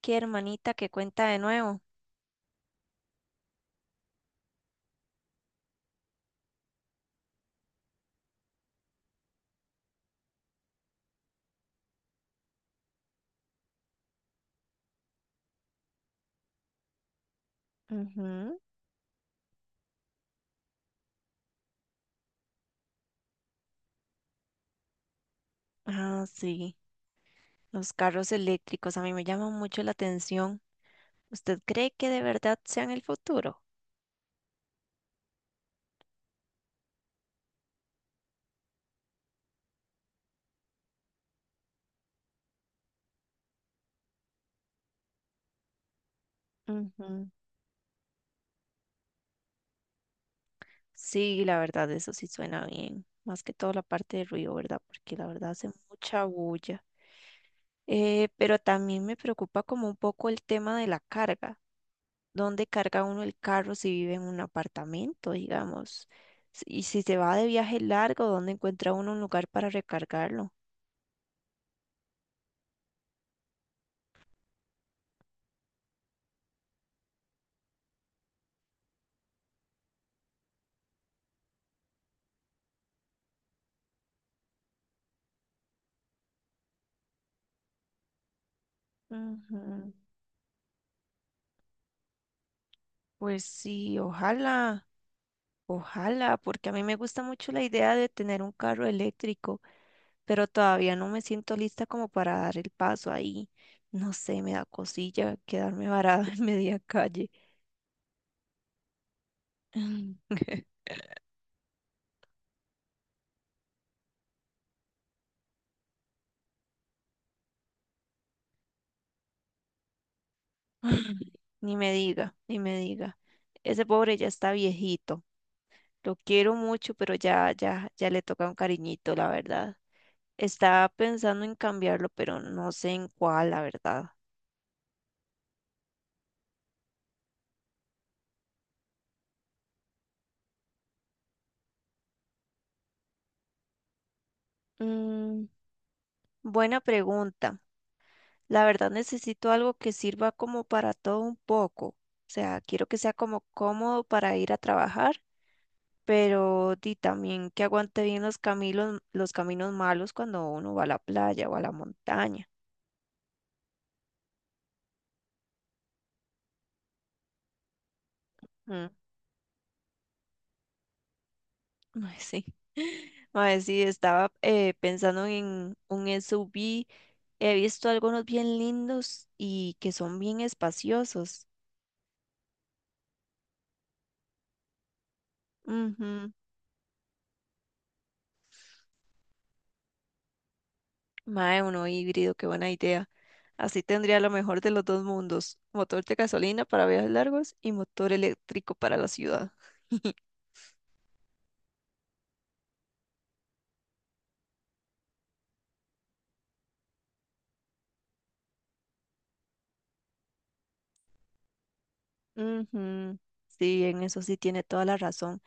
Qué hermanita que cuenta de nuevo. Ujú. Ah, sí, los carros eléctricos a mí me llaman mucho la atención. ¿Usted cree que de verdad sean el futuro? Ujú. Sí, la verdad, eso sí suena bien. Más que todo la parte de ruido, ¿verdad? Porque la verdad hace mucha bulla. Pero también me preocupa como un poco el tema de la carga. ¿Dónde carga uno el carro si vive en un apartamento, digamos? Y si se va de viaje largo, ¿dónde encuentra uno un lugar para recargarlo? Ujú. Pues sí, ojalá, ojalá, porque a mí me gusta mucho la idea de tener un carro eléctrico, pero todavía no me siento lista como para dar el paso ahí. No sé, me da cosilla quedarme varada en media calle. Ni me diga, ni me diga. Ese pobre ya está viejito. Lo quiero mucho, pero ya, ya, ya le toca un cariñito, la verdad. Estaba pensando en cambiarlo, pero no sé en cuál, la verdad. Mm, buena pregunta. La verdad necesito algo que sirva como para todo un poco. O sea, quiero que sea como cómodo para ir a trabajar, pero di también que aguante bien los caminos malos cuando uno va a la playa o a la montaña. Mae, sí. Mae, sí, estaba pensando en un SUV. He visto algunos bien lindos y que son bien espaciosos. Ujú. Mae, uno híbrido, qué buena idea. Así tendría lo mejor de los dos mundos. Motor de gasolina para viajes largos y motor eléctrico para la ciudad. Ujú. Sí, en eso sí tiene toda la razón.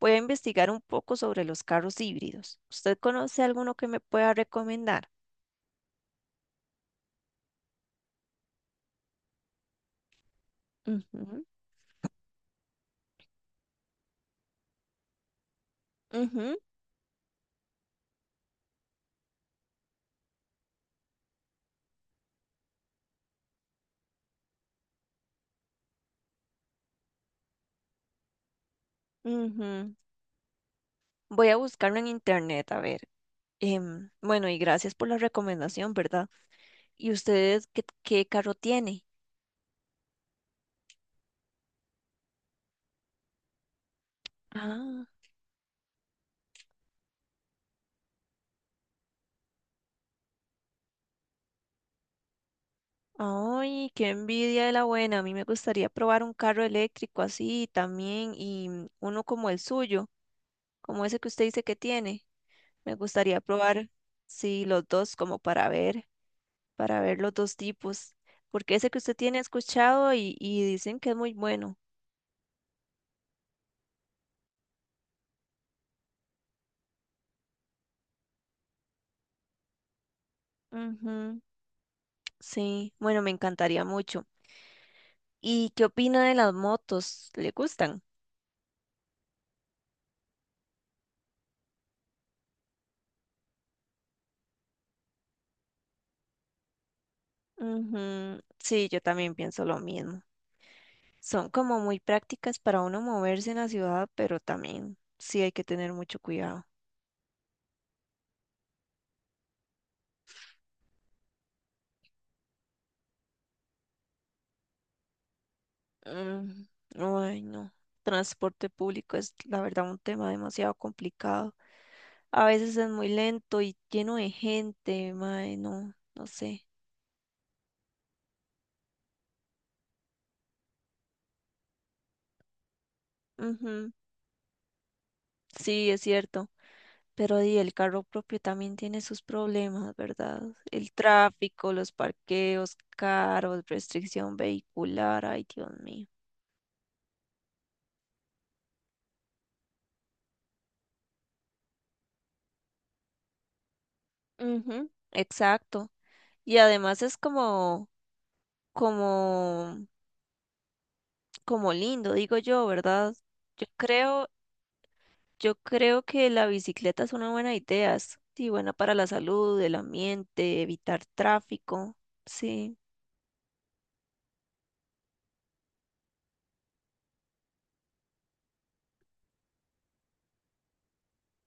Voy a investigar un poco sobre los carros híbridos. ¿Usted conoce alguno que me pueda recomendar? Ujú, ujú, ujú. Voy a buscarlo en internet, a ver. Bueno, y gracias por la recomendación, ¿verdad? Y ustedes ¿qué carro tiene? Ah, ay, qué envidia de la buena. A mí me gustaría probar un carro eléctrico así también y mm, uno como el suyo, como ese que usted dice que tiene. Me gustaría probar, sí, los dos como para ver los dos tipos, porque ese que usted tiene he escuchado y dicen que es muy bueno. Ujú, sí, bueno, me encantaría mucho. ¿Y qué opina de las motos? ¿Le gustan? Ujú, sí, yo también pienso lo mismo. Son como muy prácticas para uno moverse en la ciudad, pero también sí hay que tener mucho cuidado. Mm, ay, no. Transporte público es, la verdad, un tema demasiado complicado. A veces es muy lento y lleno de gente, mae, no, no sé. Ujú, sí, es cierto. Pero di el carro propio también tiene sus problemas, ¿verdad? El tráfico, los parqueos caros, restricción vehicular, ay, Dios mío. Ujú, exacto. Y además es como, como, como lindo, digo yo, ¿verdad? Yo creo, yo creo que la bicicleta es una buena idea, es, sí, buena para la salud, el ambiente, evitar tráfico, sí.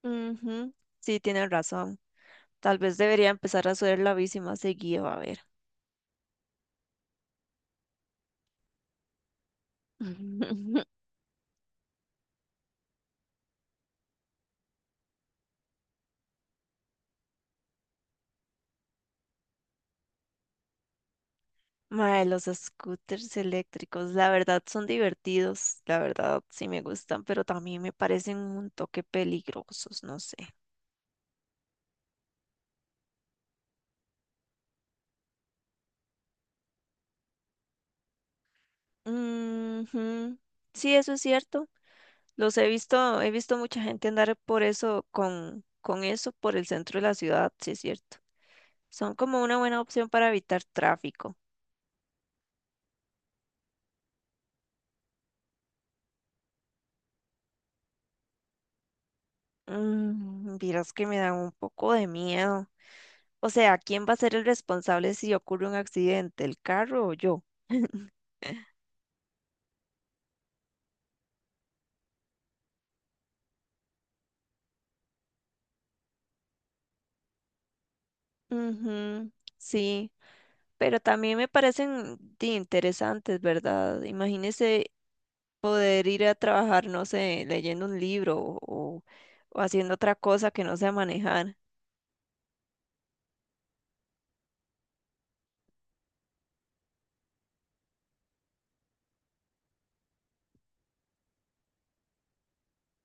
Ujú, sí, tienes razón. Tal vez debería empezar a hacer la bici más seguido, a ver. Mae, los scooters eléctricos, la verdad son divertidos, la verdad sí me gustan, pero también me parecen un toque peligrosos, no sé. Ujú, sí, eso es cierto. Los he visto mucha gente andar por eso, con eso por el centro de la ciudad, sí es cierto. Son como una buena opción para evitar tráfico. Mm, vieras que me dan un poco de miedo. O sea, ¿quién va a ser el responsable si ocurre un accidente, el carro o yo? Ujú, sí, pero también me parecen di, interesantes, ¿verdad? Imagínese poder ir a trabajar, no sé, leyendo un libro o, o o haciendo otra cosa que no sea manejar.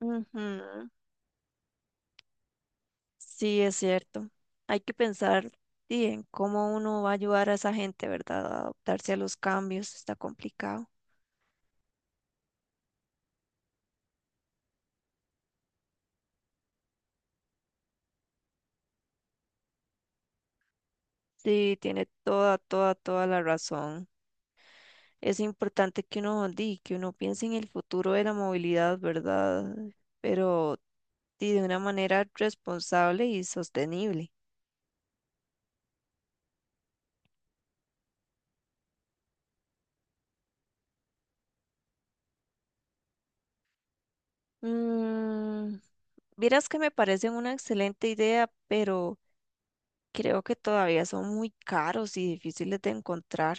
Ujú, sí, es cierto. Hay que pensar, di, en cómo uno va a ayudar a esa gente, ¿verdad? A adaptarse a los cambios, está complicado. Sí, tiene toda, toda, toda la razón. Es importante que uno, di, que uno piense en el futuro de la movilidad, ¿verdad? Pero y de una manera responsable y sostenible. Mm, vieras que me parecen una excelente idea, pero creo que todavía son muy caros y difíciles de encontrar.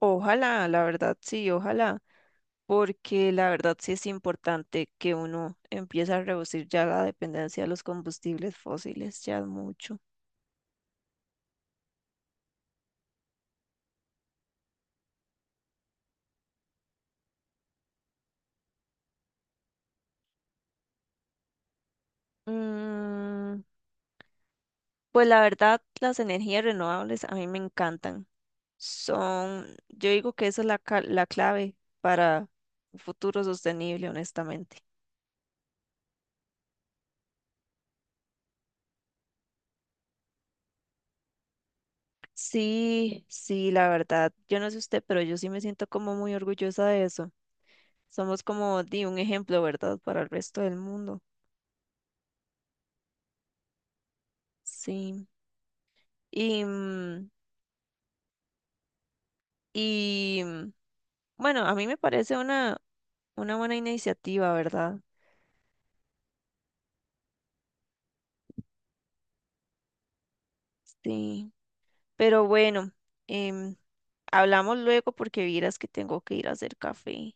Ojalá, la verdad sí, ojalá, porque la verdad sí es importante que uno empiece a reducir ya la dependencia de los combustibles fósiles, ya es mucho. Mm, pues la verdad, las energías renovables a mí me encantan. Son, yo digo que esa es la, la clave para un futuro sostenible, honestamente. Sí, sí, la verdad, yo no sé usted, pero yo sí me siento como muy orgullosa de eso. Somos como di un ejemplo, ¿verdad? Para el resto del mundo. Sí. Y, y mm, bueno, a mí me parece una buena iniciativa, ¿verdad? Sí. Pero bueno, em, hablamos luego porque vieras que tengo que ir a hacer café.